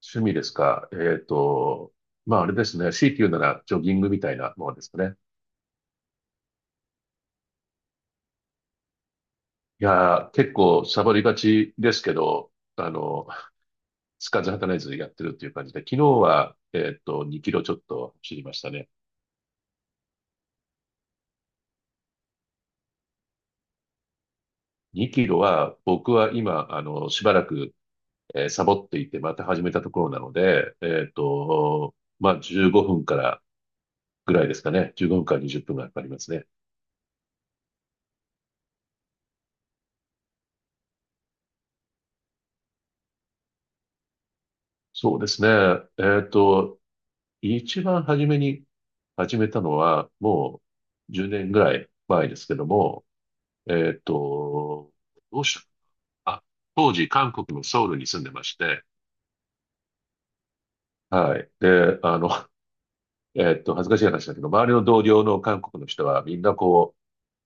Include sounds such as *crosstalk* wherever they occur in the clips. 趣味ですかあれですね。強いて言うならジョギングみたいなものですかね。いやー、結構サボりがちですけど、あの、つかず働いずやってるっていう感じで、昨日は、2キロちょっと走りましたね。2キロは僕は今、しばらく、サボっていて、また始めたところなので、まあ15分からぐらいですかね。15分から20分がかかりますね。そうですね。えっと、一番初めに始めたのは、う10年ぐらい前ですけども、えっと、どうしたあ、当時韓国のソウルに住んでまして、はい。で、恥ずかしい話だけど、周りの同僚の韓国の人はみんなこ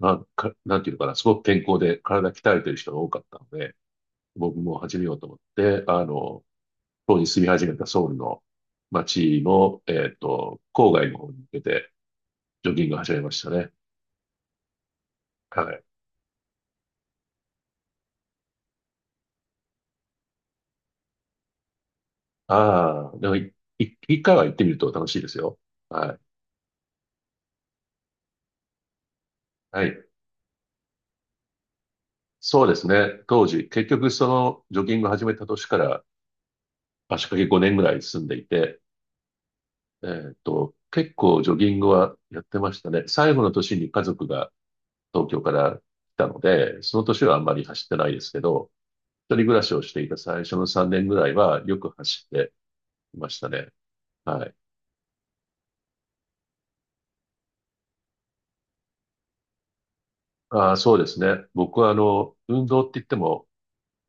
う、なんか、なんていうのかな、すごく健康で体鍛えてる人が多かったので、僕も始めようと思って、当時住み始めたソウルの街の、郊外の方に向けてジョギングを始めましたね。はい。ああ、でも一回は行ってみると楽しいですよ。はい。はい。そうですね。当時、結局そのジョギング始めた年から足掛け5年ぐらい住んでいて、えーっと、結構ジョギングはやってましたね。最後の年に家族が東京から来たので、その年はあんまり走ってないですけど、一人暮らしをしていた最初の3年ぐらいはよく走っていましたね。はい。ああ、そうですね。僕は運動って言っても、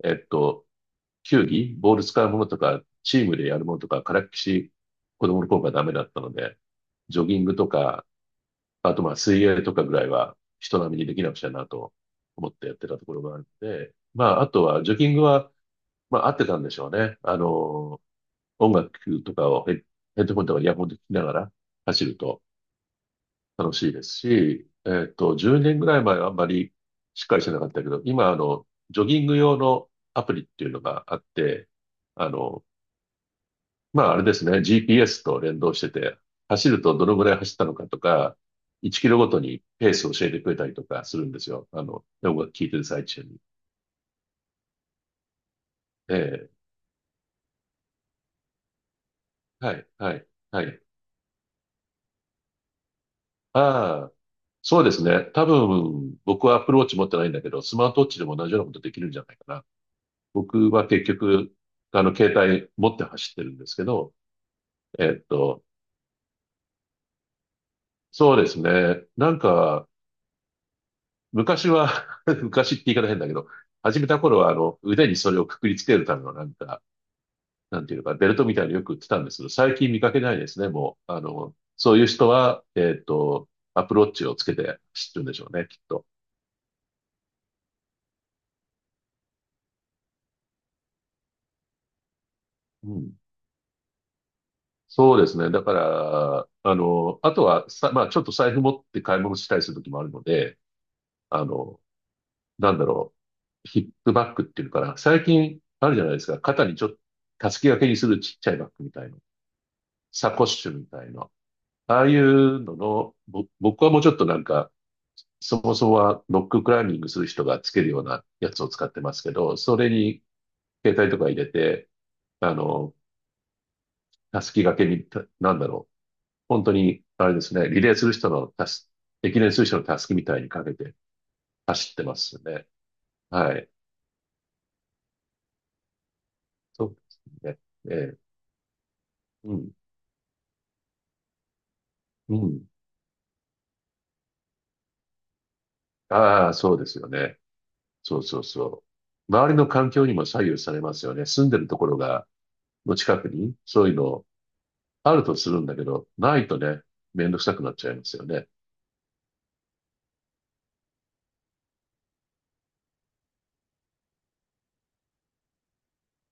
えっと、球技、ボール使うものとか、チームでやるものとか、からっきし、子供の頃からダメだったので、ジョギングとか、あとまあ水泳とかぐらいは人並みにできなくちゃなと思ってやってたところがあって、まああとはジョギングは、まあ合ってたんでしょうね。音楽とかをヘッドホンとかイヤホンで聞きながら走ると楽しいですし、10年ぐらい前はあんまりしっかりしてなかったけど、今ジョギング用のアプリっていうのがあって、あの、まああれですね、GPS と連動してて、走るとどのぐらい走ったのかとか、1キロごとにペースを教えてくれたりとかするんですよ。あの、音楽聴いてる最中に。ええ、はい、はい、はい。ああ、そうですね。多分、僕はアップルウォッチ持ってないんだけど、スマートウォッチでも同じようなことできるんじゃないかな。僕は結局、携帯持って走ってるんですけど、えっと、そうですね。なんか、昔は *laughs* 昔って言い方変だけど、始めた頃は、腕にそれをくくりつけるためのなんか、なんていうのか、ベルトみたいによく売ってたんですけど、最近見かけないですね、もう。あの、そういう人は、アップローチをつけて知ってるんでしょうね、きっと。うん。そうですね。だから、あとはさ、まあ、ちょっと財布持って買い物したりする時もあるので、あの、なんだろう、ヒップバッグっていうのかな。最近あるじゃないですか。肩にちょっと、たすき掛けにするちっちゃいバッグみたいな。サコッシュみたいな。ああいうのの、僕はもうちょっとなんか、そもそもはロッククライミングする人がつけるようなやつを使ってますけど、それに携帯とか入れて、あの、たすき掛けに、なんだろう。本当に、あれですね、リレーする人のたす、駅伝する人のたすきみたいにかけて走ってますよね。はい。そうですね。ええ、うん。うん。ああ、そうですよね。そうそうそう。周りの環境にも左右されますよね。住んでるところが、の近くに、そういうのあるとするんだけど、ないとね、めんどくさくなっちゃいますよね。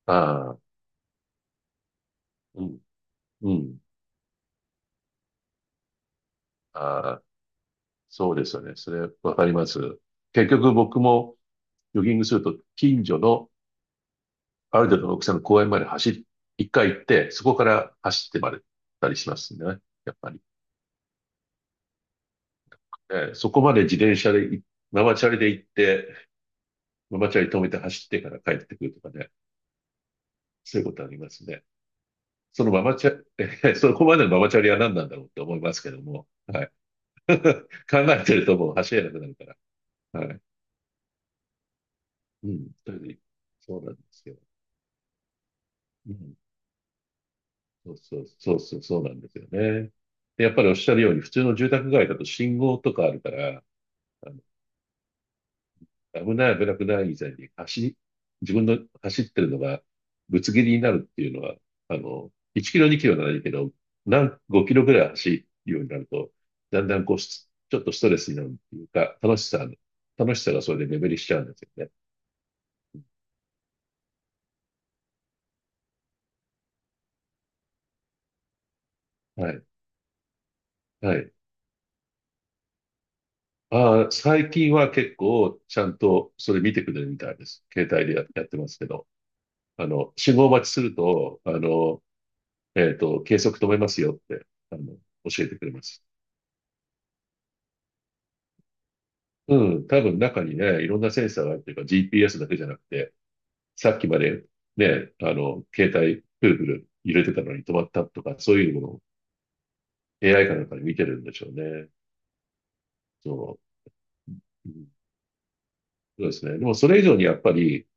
ああ、うん、うん。ああ、そうですよね。それ、わかります。結局僕もジョギングすると、近所のある程度の大きさの公園まで走り、一回行って、そこから走ってまで行ったりしますね。やっぱり。ええ、そこまで自転車でい、ママチャリで行って、ママチャリ止めて走ってから帰ってくるとかね。そういうことありますね。そのママチャリ、*laughs* そこまでのママチャリは何なんだろうって思いますけども。はい。*laughs* 考えてるともう走れなくなるから。はい。うん。それで、そうなんですよ。うん。そうそうそうそう、そうなんですよね。でやっぱりおっしゃるように、普通の住宅街だと信号とかあるから、あ危なくない以前に自分の走ってるのがぶつ切りになるっていうのは、1キロ2キロならいいけど、何、5キロぐらい走るようになると、だんだんこう、ちょっとストレスになるっていうか、楽しさがそれで目減りしちゃうんですよね。はい。はい。ああ、最近は結構ちゃんとそれ見てくれるみたいです。携帯でやってますけど。あの、信号待ちすると、計測止めますよって、あの、教えてくれます。うん、多分中にね、いろんなセンサーがあるっていうか GPS だけじゃなくて、さっきまでね、あの、携帯、プルプル揺れてたのに止まったとか、そういうのを AI かなんかで見てるんでしょうね。そう。うん、そうですね。でもそれ以上にやっぱり、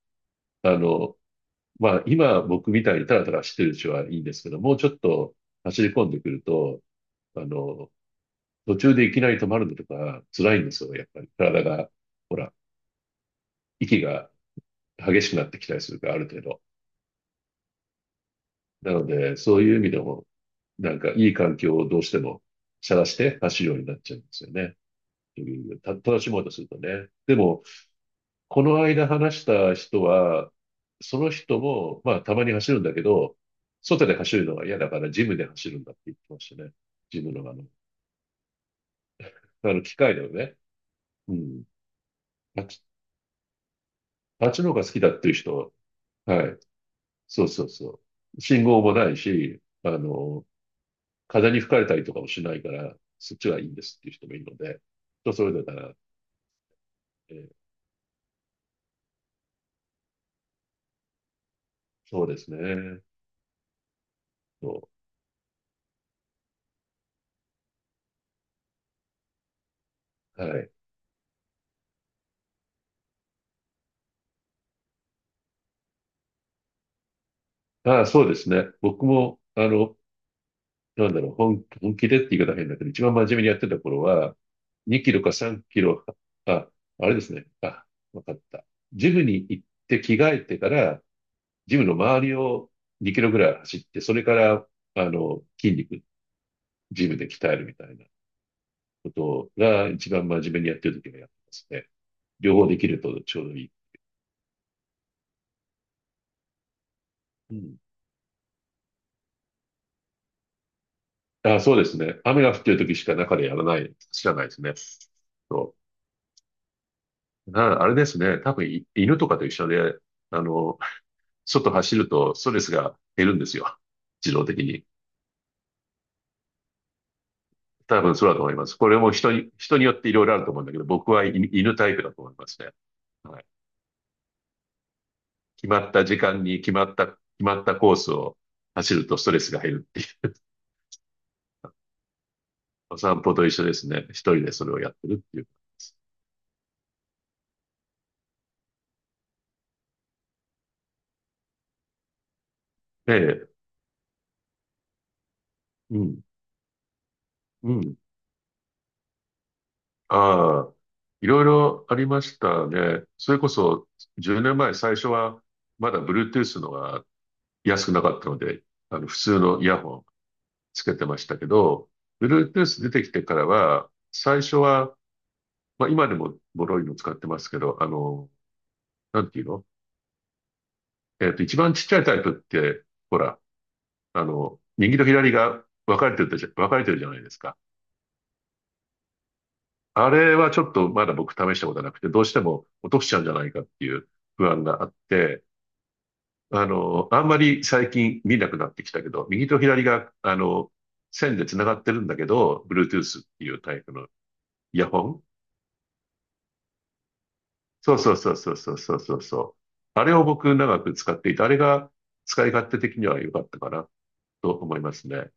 あの、まあ、今僕みたいにタラタラしてるうちはいいんですけど、もうちょっと走り込んでくると、あの、途中でいきなり止まるのとか辛いんですよ、やっぱり。体が、ほら、息が激しくなってきたりするから、ある程度。なので、そういう意味でも、なんかいい環境をどうしても探して走るようになっちゃうんですよね。という、た、楽しもうとするとね。でも、この間話した人は、その人も、まあ、たまに走るんだけど、外で走るのが嫌だから、ジムで走るんだって言ってましたね。ジムのあの、あの、機械だよね。うん。あっち、あっちの方が好きだっていう人は、はい。そうそうそう。信号もないし、あの、風に吹かれたりとかもしないから、そっちがいいんですっていう人もいるので、人それぞれだから、えーそうですね。そう。はい。ああ、そうですね。僕も、なんだろう、本気でって言い方変だけど、一番真面目にやってた頃は、2キロか3キロ、あ、あれですね。あ、わかった。ジムに行って着替えてから、ジムの周りを2キロぐらい走って、それから、あの、筋肉、ジムで鍛えるみたいなことが一番真面目にやってる時はやってますね。両方できるとちょうどいい。うん。あ、そうですね。雨が降ってる時しか中でやらない、知らないですね。そう。あれですね。多分犬とかと一緒で、あの、外走るとストレスが減るんですよ。自動的に。多分そうだと思います。これも人によっていろいろあると思うんだけど、僕は犬犬タイプだと思いますね。はい。決まった時間に決まった、決まったコースを走るとストレスが減るっていう。お散歩と一緒ですね。一人でそれをやってるっていう。ええ、うん、うん。ああ、いろいろありましたね。それこそ10年前、最初はまだ Bluetooth のが安くなかったので、あの普通のイヤホンつけてましたけど、Bluetooth 出てきてからは、最初は、まあ今でもボロいの使ってますけど、あの、なんていうのえっと、一番ちっちゃいタイプって、ほら、あの、右と左が分かれてるじゃないですか。あれはちょっとまだ僕試したことなくて、どうしても落としちゃうんじゃないかっていう不安があって、あんまり最近見なくなってきたけど、右と左が、あの、線で繋がってるんだけど、Bluetooth っていうタイプのイヤホンそうそうそうそうそうそうそうそあれを僕長く使っていて、あれが使い勝手的には良かったかなと思いますね。